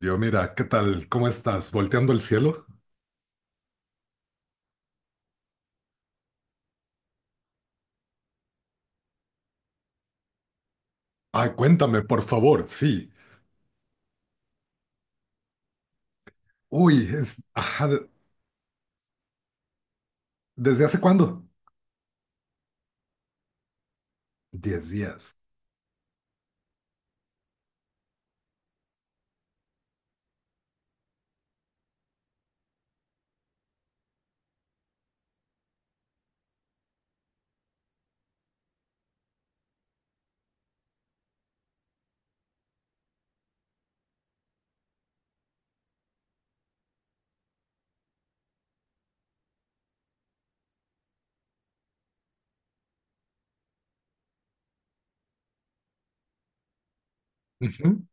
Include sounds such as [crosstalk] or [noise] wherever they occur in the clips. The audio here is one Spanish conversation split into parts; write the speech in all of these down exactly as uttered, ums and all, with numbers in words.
Yo, mira, ¿qué tal? ¿Cómo estás? ¿Volteando el cielo? Ay, cuéntame, por favor, sí. Uy, es, ajá, de- ¿desde hace cuándo? Diez días. Ujú.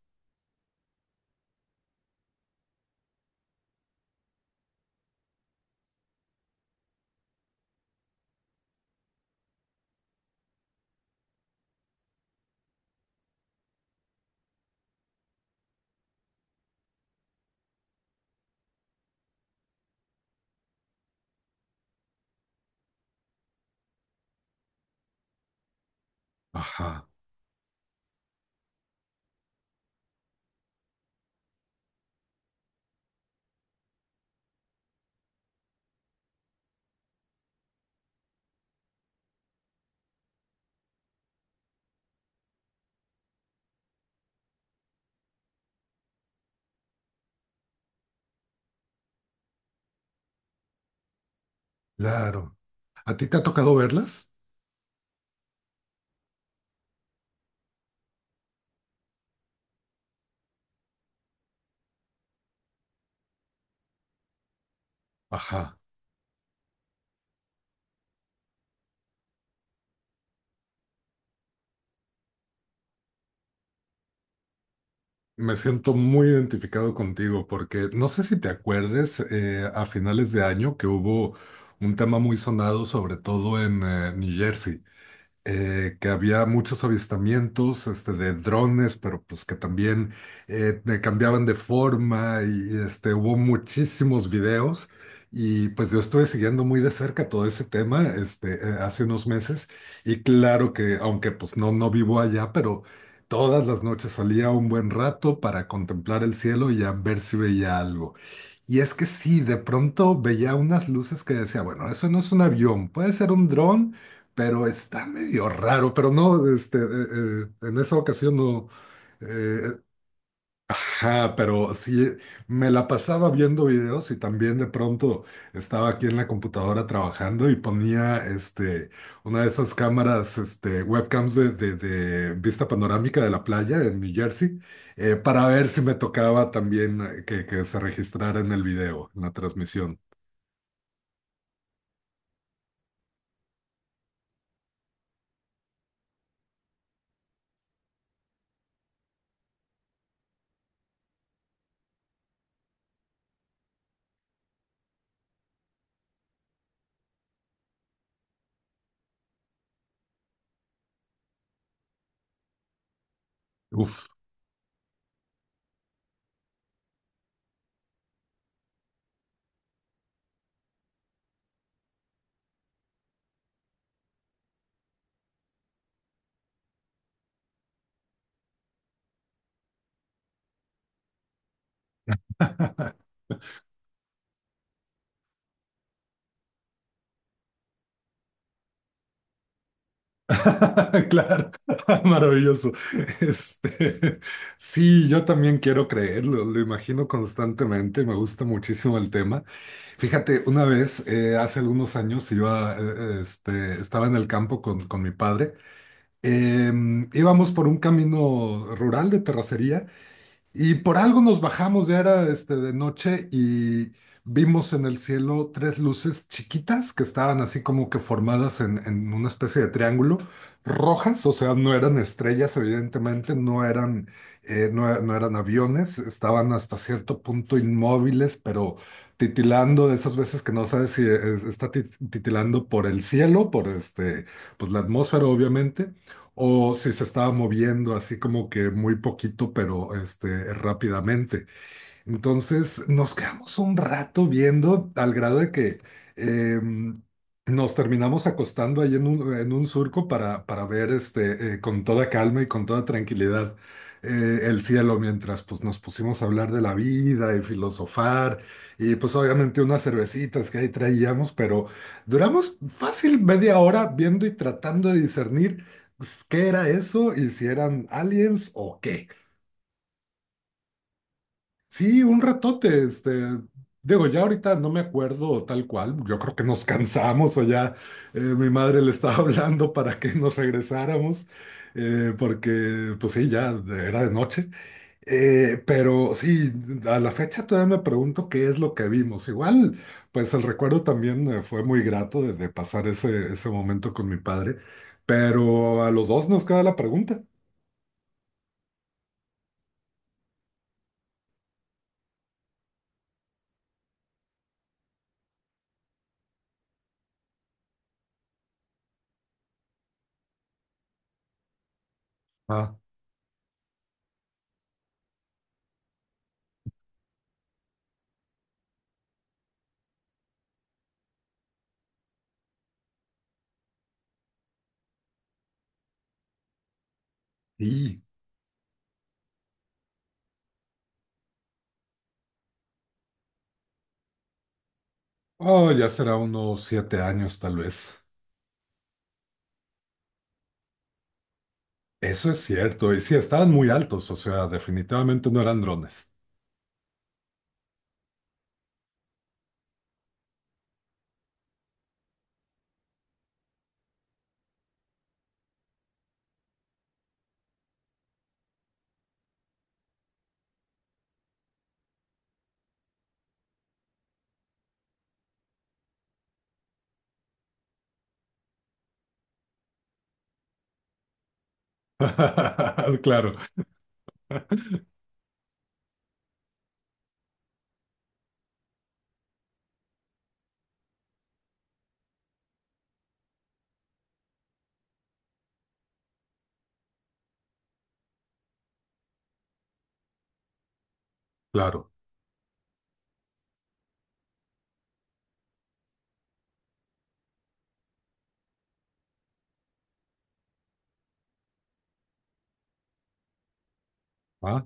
Ajá, claro. ¿A ti te ha tocado verlas? Ajá. Me siento muy identificado contigo porque no sé si te acuerdes eh, a finales de año que hubo un tema muy sonado, sobre todo en eh, New Jersey. Eh, que había muchos avistamientos este, de drones, pero pues que también eh, te cambiaban de forma y este, hubo muchísimos videos. Y pues yo estuve siguiendo muy de cerca todo ese tema este, eh, hace unos meses y claro que aunque pues no, no vivo allá, pero todas las noches salía un buen rato para contemplar el cielo y a ver si veía algo. Y es que sí, de pronto veía unas luces que decía, bueno, eso no es un avión, puede ser un dron, pero está medio raro, pero no, este, eh, eh, en esa ocasión no, eh, ajá, pero sí, me la pasaba viendo videos y también de pronto estaba aquí en la computadora trabajando y ponía, este, una de esas cámaras, este, webcams de, de- de vista panorámica de la playa en New Jersey, eh, para ver si me tocaba también eh, que, que se registrara en el video, en la transmisión. Uf. [laughs] [laughs] Claro, [laughs] maravilloso. Este, sí, yo también quiero creerlo, lo imagino constantemente, me gusta muchísimo el tema. Fíjate, una vez, eh, hace algunos años, iba, eh, este, estaba en el campo con, con mi padre. Em, íbamos por un camino rural de terracería y por algo nos bajamos, ya era este, de noche y vimos en el cielo tres luces chiquitas que estaban así como que formadas en, en una especie de triángulo, rojas, o sea, no eran estrellas, evidentemente, no eran, eh, no, no eran aviones, estaban hasta cierto punto inmóviles, pero titilando de esas veces que no sabes si es- está tit- titilando por el cielo, por este, pues la atmósfera, obviamente o si se estaba moviendo así como que muy poquito, pero este, rápidamente. Entonces nos quedamos un rato viendo al grado de que eh, nos terminamos acostando ahí en un, en un surco para, para ver este, eh, con toda calma y con toda tranquilidad eh, el cielo mientras pues, nos pusimos a hablar de la vida y filosofar y pues obviamente unas cervecitas que ahí traíamos, pero duramos fácil media hora viendo y tratando de discernir pues, qué era eso y si eran aliens o qué. Sí, un ratote, este, digo, ya ahorita no me acuerdo tal cual, yo creo que nos cansamos o ya eh, mi madre le estaba [laughs] hablando para que nos regresáramos, eh, porque pues sí, ya era de noche. Eh, pero sí, a la fecha todavía me pregunto qué es lo que vimos, igual, pues el recuerdo también eh, fue muy grato de, de pasar ese, ese momento con mi padre, pero a los dos nos queda la pregunta. Ah, y, oh, ya será unos siete años tal vez. Eso es cierto, y sí, estaban muy altos, o sea, definitivamente no eran drones. [laughs] Claro, claro. Ah,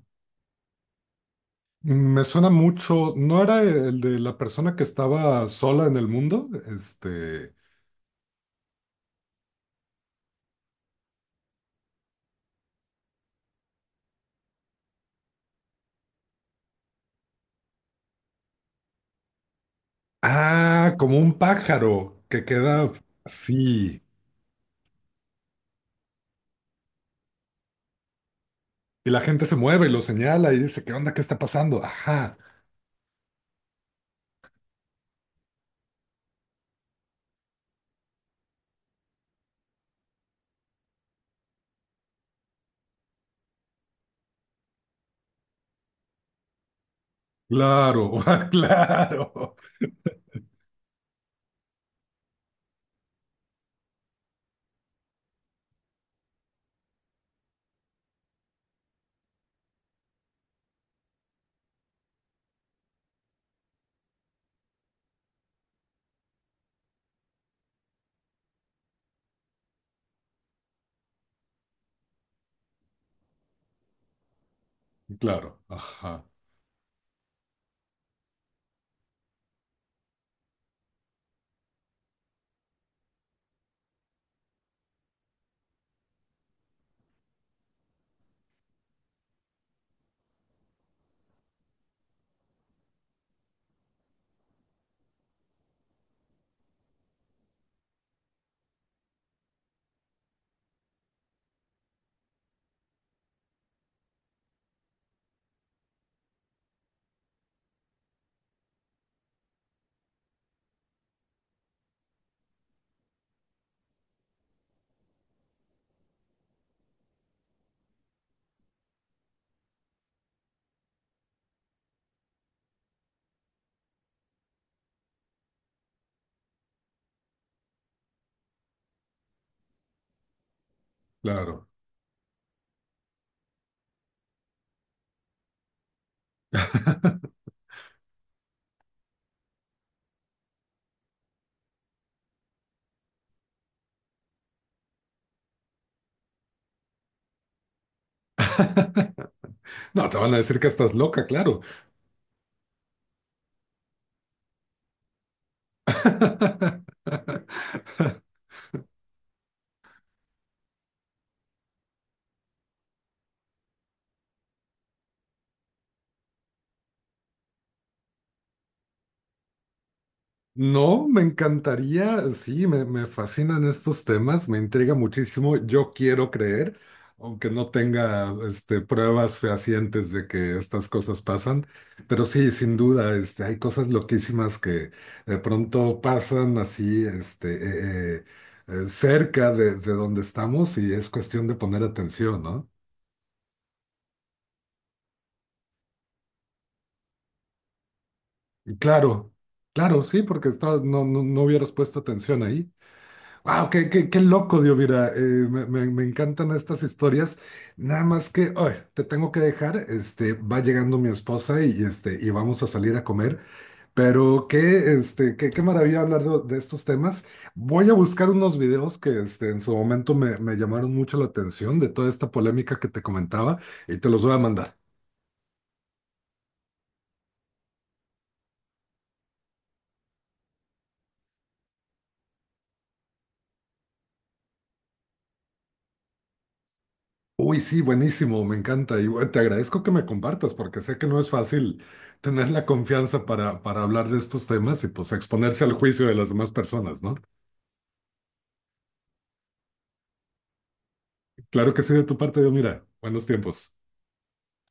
me suena mucho, ¿no era el de la persona que estaba sola en el mundo? Este, ah, como un pájaro que queda así, y la gente se mueve y lo señala y dice, ¿qué onda? ¿Qué está pasando? Ajá, claro, [laughs] claro, claro, ajá, claro. No, te van a decir que estás loca, claro. [laughs] No, me encantaría, sí, me, me fascinan estos temas, me intriga muchísimo. Yo quiero creer, aunque no tenga este, pruebas fehacientes de que estas cosas pasan, pero sí, sin duda, este, hay cosas loquísimas que de pronto pasan así este, eh, eh, eh, cerca de, de donde estamos y es cuestión de poner atención, ¿no? Y claro, claro, sí, porque estaba- no, no, no hubieras puesto atención ahí. Wow, qué, qué, qué loco, Dios, mira, eh, me, me- me encantan estas historias. Nada más que, ay, te tengo que dejar, este, va llegando mi esposa y, este, y vamos a salir a comer, pero qué, este, qué, qué maravilla hablar de, de estos temas. Voy a buscar unos videos que, este, en su momento me, me llamaron mucho la atención de toda esta polémica que te comentaba y te los voy a mandar. Uy, sí, buenísimo, me encanta. Y bueno, te agradezco que me compartas porque sé que no es fácil tener la confianza para, para hablar de estos temas y pues exponerse al juicio de las demás personas, ¿no? Claro que sí, de tu parte, Dios, mira, buenos tiempos.